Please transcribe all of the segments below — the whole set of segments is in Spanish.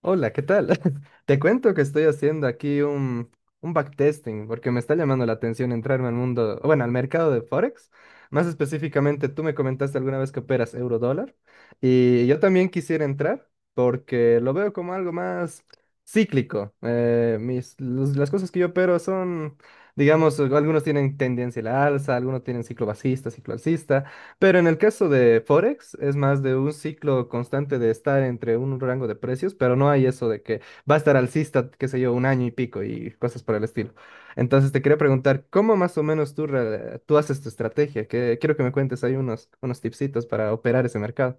Hola, ¿qué tal? Te cuento que estoy haciendo aquí un backtesting porque me está llamando la atención entrarme al mundo, bueno, al mercado de Forex. Más específicamente, tú me comentaste alguna vez que operas euro-dólar y yo también quisiera entrar porque lo veo como algo más cíclico. Las cosas que yo opero son, digamos, algunos tienen tendencia a la alza, algunos tienen ciclo bajista, ciclo alcista. Pero en el caso de Forex, es más de un ciclo constante de estar entre un rango de precios, pero no hay eso de que va a estar alcista, qué sé yo, un año y pico y cosas por el estilo. Entonces te quería preguntar, ¿cómo más o menos tú haces tu estrategia? Que quiero que me cuentes ahí unos tipsitos para operar ese mercado.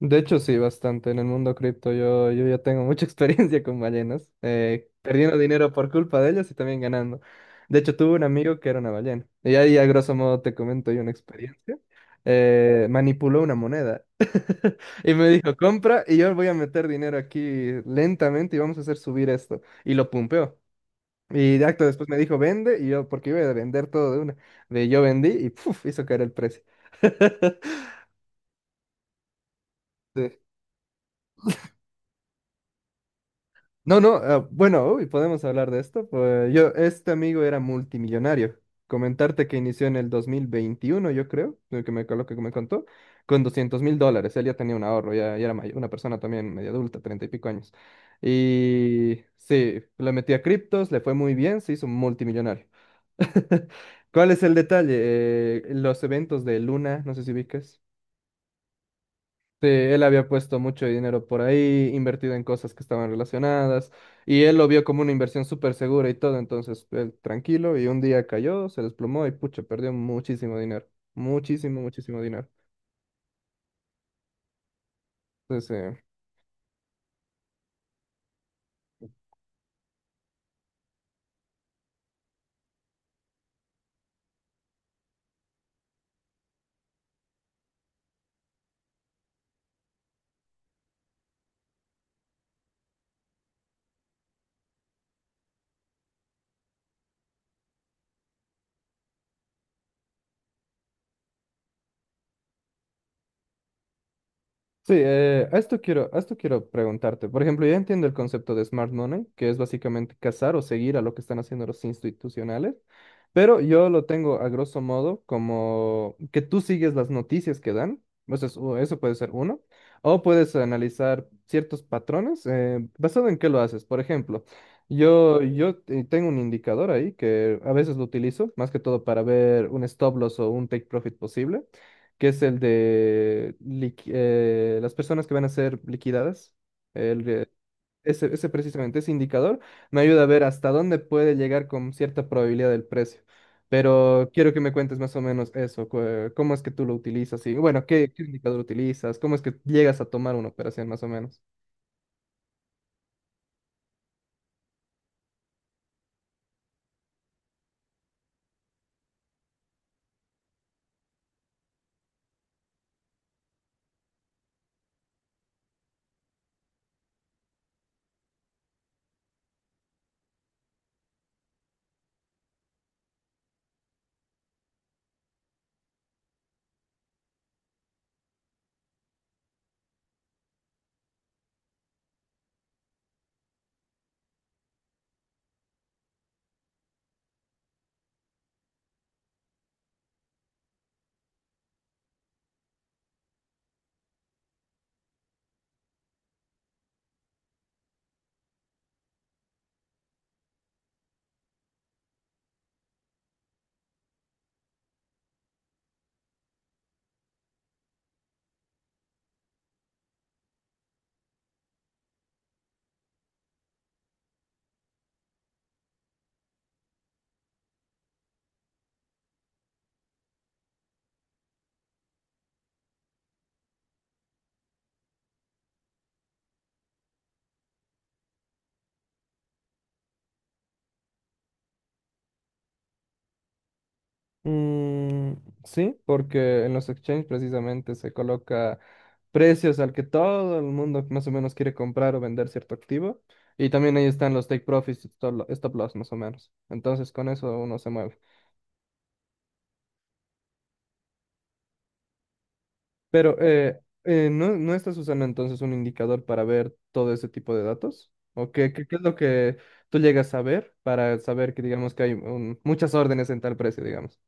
De hecho, sí, bastante. En el mundo cripto yo ya tengo mucha experiencia con ballenas, perdiendo dinero por culpa de ellas y también ganando. De hecho, tuve un amigo que era una ballena. Y ahí, a grosso modo, te comento yo una experiencia. Manipuló una moneda y me dijo, compra y yo voy a meter dinero aquí lentamente y vamos a hacer subir esto. Y lo pumpeó. Y de acto después me dijo, vende y yo, porque iba a vender todo de una. De yo vendí y puf, hizo caer el precio. No, no, ah, bueno, uy, podemos hablar de esto. Pues yo, este amigo era multimillonario. Comentarte que inició en el 2021, yo creo, lo que me contó, con $200,000. Él ya tenía un ahorro, ya, ya era mayor, una persona también media adulta, 30 y pico años. Y sí, le metí a criptos, le fue muy bien, se hizo multimillonario. ¿Cuál es el detalle? Los eventos de Luna, no sé si ubicas. Sí, él había puesto mucho dinero por ahí, invertido en cosas que estaban relacionadas, y él lo vio como una inversión súper segura y todo, entonces él tranquilo, y un día cayó, se desplomó y pucha, perdió muchísimo dinero, muchísimo, muchísimo dinero. Entonces, eh, Sí, a esto quiero preguntarte. Por ejemplo, ya entiendo el concepto de smart money, que es básicamente cazar o seguir a lo que están haciendo los institucionales, pero yo lo tengo a grosso modo como que tú sigues las noticias que dan, o sea, o eso puede ser uno, o puedes analizar ciertos patrones, basado en qué lo haces. Por ejemplo, yo tengo un indicador ahí que a veces lo utilizo, más que todo para ver un stop loss o un take profit posible que es el de las personas que van a ser liquidadas. El, de- Ese, ese precisamente, ese indicador me ayuda a ver hasta dónde puede llegar con cierta probabilidad del precio. Pero quiero que me cuentes más o menos eso, cómo es que tú lo utilizas y bueno, ¿qué, qué indicador utilizas? ¿Cómo es que llegas a tomar una operación más o menos? Mm, sí, porque en los exchanges precisamente se coloca precios al que todo el mundo más o menos quiere comprar o vender cierto activo. Y también ahí están los take profits y stop loss más o menos. Entonces con eso uno se mueve. Pero ¿no, no estás usando entonces un indicador para ver todo ese tipo de datos? ¿O qué es lo que tú llegas a ver para saber que digamos que hay muchas órdenes en tal precio, digamos?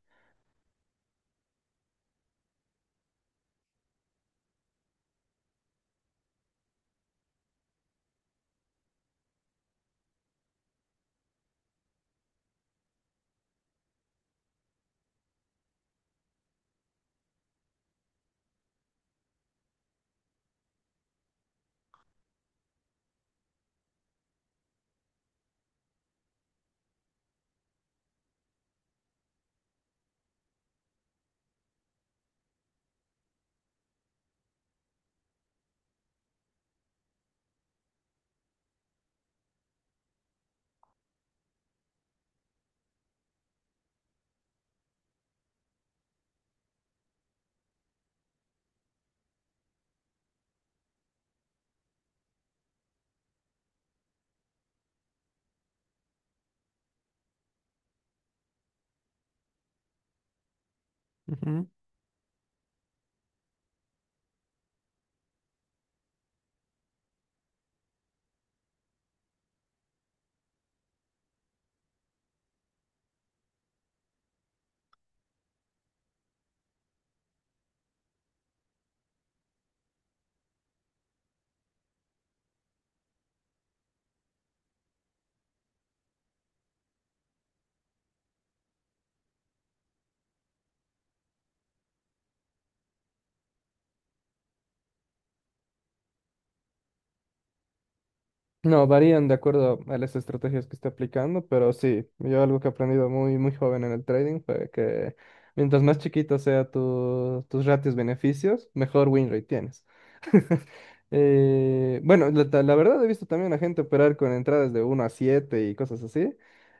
No, varían de acuerdo a las estrategias que esté aplicando, pero sí, yo algo que he aprendido muy, muy joven en el trading fue que mientras más chiquito sea tus ratios beneficios, mejor win rate tienes. Bueno, la verdad he visto también a gente operar con entradas de uno a 7 y cosas así,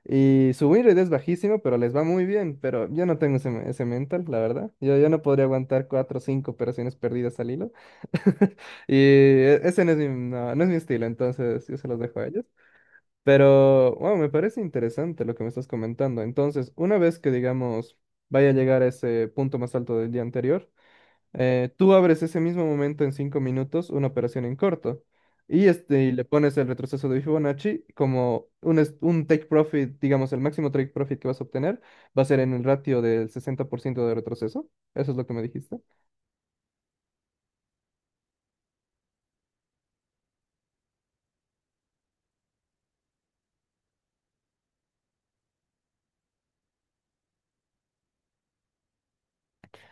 y su win rate es bajísimo, pero les va muy bien, pero yo no tengo ese, ese mental, la verdad. Yo no podría aguantar 4 o 5 operaciones perdidas al hilo. Y ese no es mi, no, no es mi estilo, entonces yo se los dejo a ellos. Pero, wow, me parece interesante lo que me estás comentando. Entonces, una vez que, digamos, vaya a llegar a ese punto más alto del día anterior, tú abres ese mismo momento en 5 minutos una operación en corto. Y, este, y le pones el retroceso de Fibonacci como un take profit, digamos, el máximo take profit que vas a obtener va a ser en el ratio del 60% de retroceso. Eso es lo que me dijiste.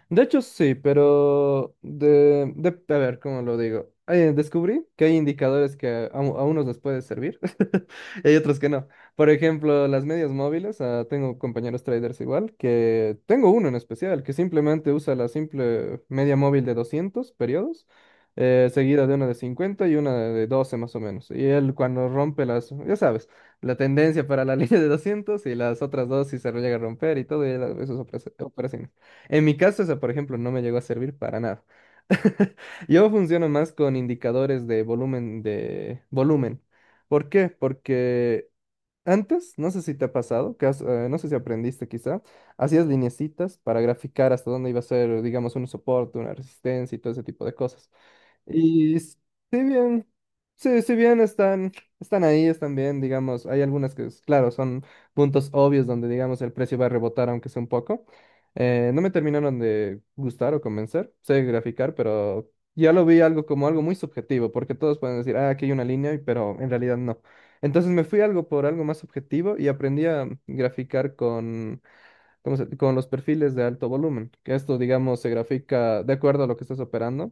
De hecho, sí, pero a ver, ¿cómo lo digo? Descubrí que hay indicadores que a unos les puede servir y hay otros que no. Por ejemplo, las medias móviles, ah, tengo compañeros traders igual, que tengo uno en especial que simplemente usa la simple media móvil de 200 periodos, seguida de una de 50 y una de 12 más o menos. Y él cuando rompe las, ya sabes, la tendencia para la línea de 200 y las otras dos si se llega a romper y todo, y él, eso es operación. En mi caso, eso, por ejemplo, no me llegó a servir para nada. Yo funciono más con indicadores de volumen. ¿Por qué? Porque antes, no sé si te ha pasado, que no sé si aprendiste quizá, hacías lineecitas para graficar hasta dónde iba a ser, digamos, un soporte, una resistencia y todo ese tipo de cosas. Y s- si bien, sí, si bien están, están ahí, están bien, digamos, hay algunas que, claro, son puntos obvios donde, digamos, el precio va a rebotar, aunque sea un poco. No me terminaron de gustar o convencer, sé graficar, pero ya lo vi algo como algo muy subjetivo, porque todos pueden decir, ah, aquí hay una línea, pero en realidad no. Entonces me fui algo por algo más subjetivo y aprendí a graficar con los perfiles de alto volumen, que esto, digamos, se grafica de acuerdo a lo que estás operando.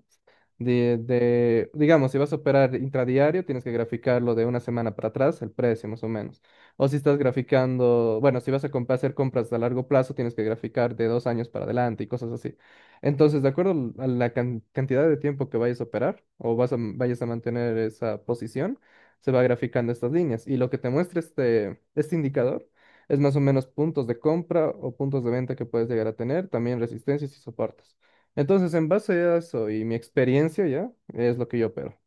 Digamos, si vas a operar intradiario, tienes que graficarlo de una semana para atrás, el precio más o menos. O si estás graficando, bueno, si vas a hacer compras a largo plazo, tienes que graficar de 2 años para adelante y cosas así. Entonces, de acuerdo a la cantidad de tiempo que vayas a operar o vayas a mantener esa posición, se va graficando estas líneas. Y lo que te muestra este indicador es más o menos puntos de compra o puntos de venta que puedes llegar a tener, también resistencias y soportes. Entonces, en base a eso y mi experiencia ya, es lo que yo opero.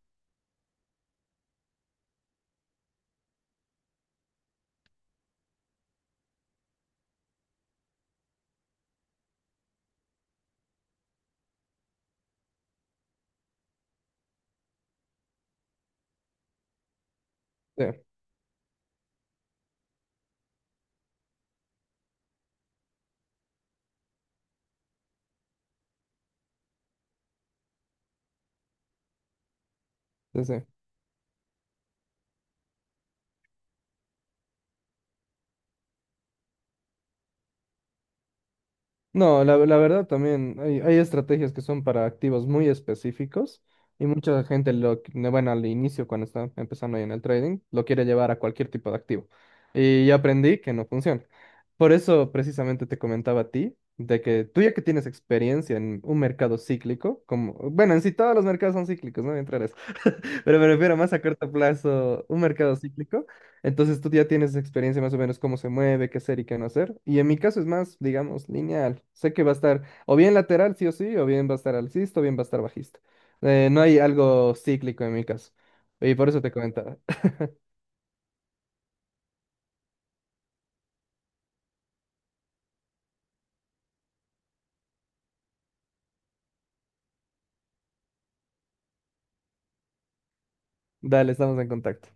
Sí, sí, sí. No, la verdad también hay estrategias que son para activos muy específicos y mucha gente lo, bueno, al inicio cuando está empezando ahí en el trading, lo quiere llevar a cualquier tipo de activo. Y ya aprendí que no funciona. Por eso precisamente te comentaba a ti de que tú ya que tienes experiencia en un mercado cíclico, como, bueno, en sí todos los mercados son cíclicos, ¿no? Entrar pero me refiero más a corto plazo, un mercado cíclico. Entonces tú ya tienes experiencia más o menos cómo se mueve, qué hacer y qué no hacer. Y en mi caso es más, digamos, lineal. Sé que va a estar o bien lateral, sí o sí, o bien va a estar alcista, o bien va a estar bajista. No hay algo cíclico en mi caso. Y por eso te comentaba. Dale, estamos en contacto.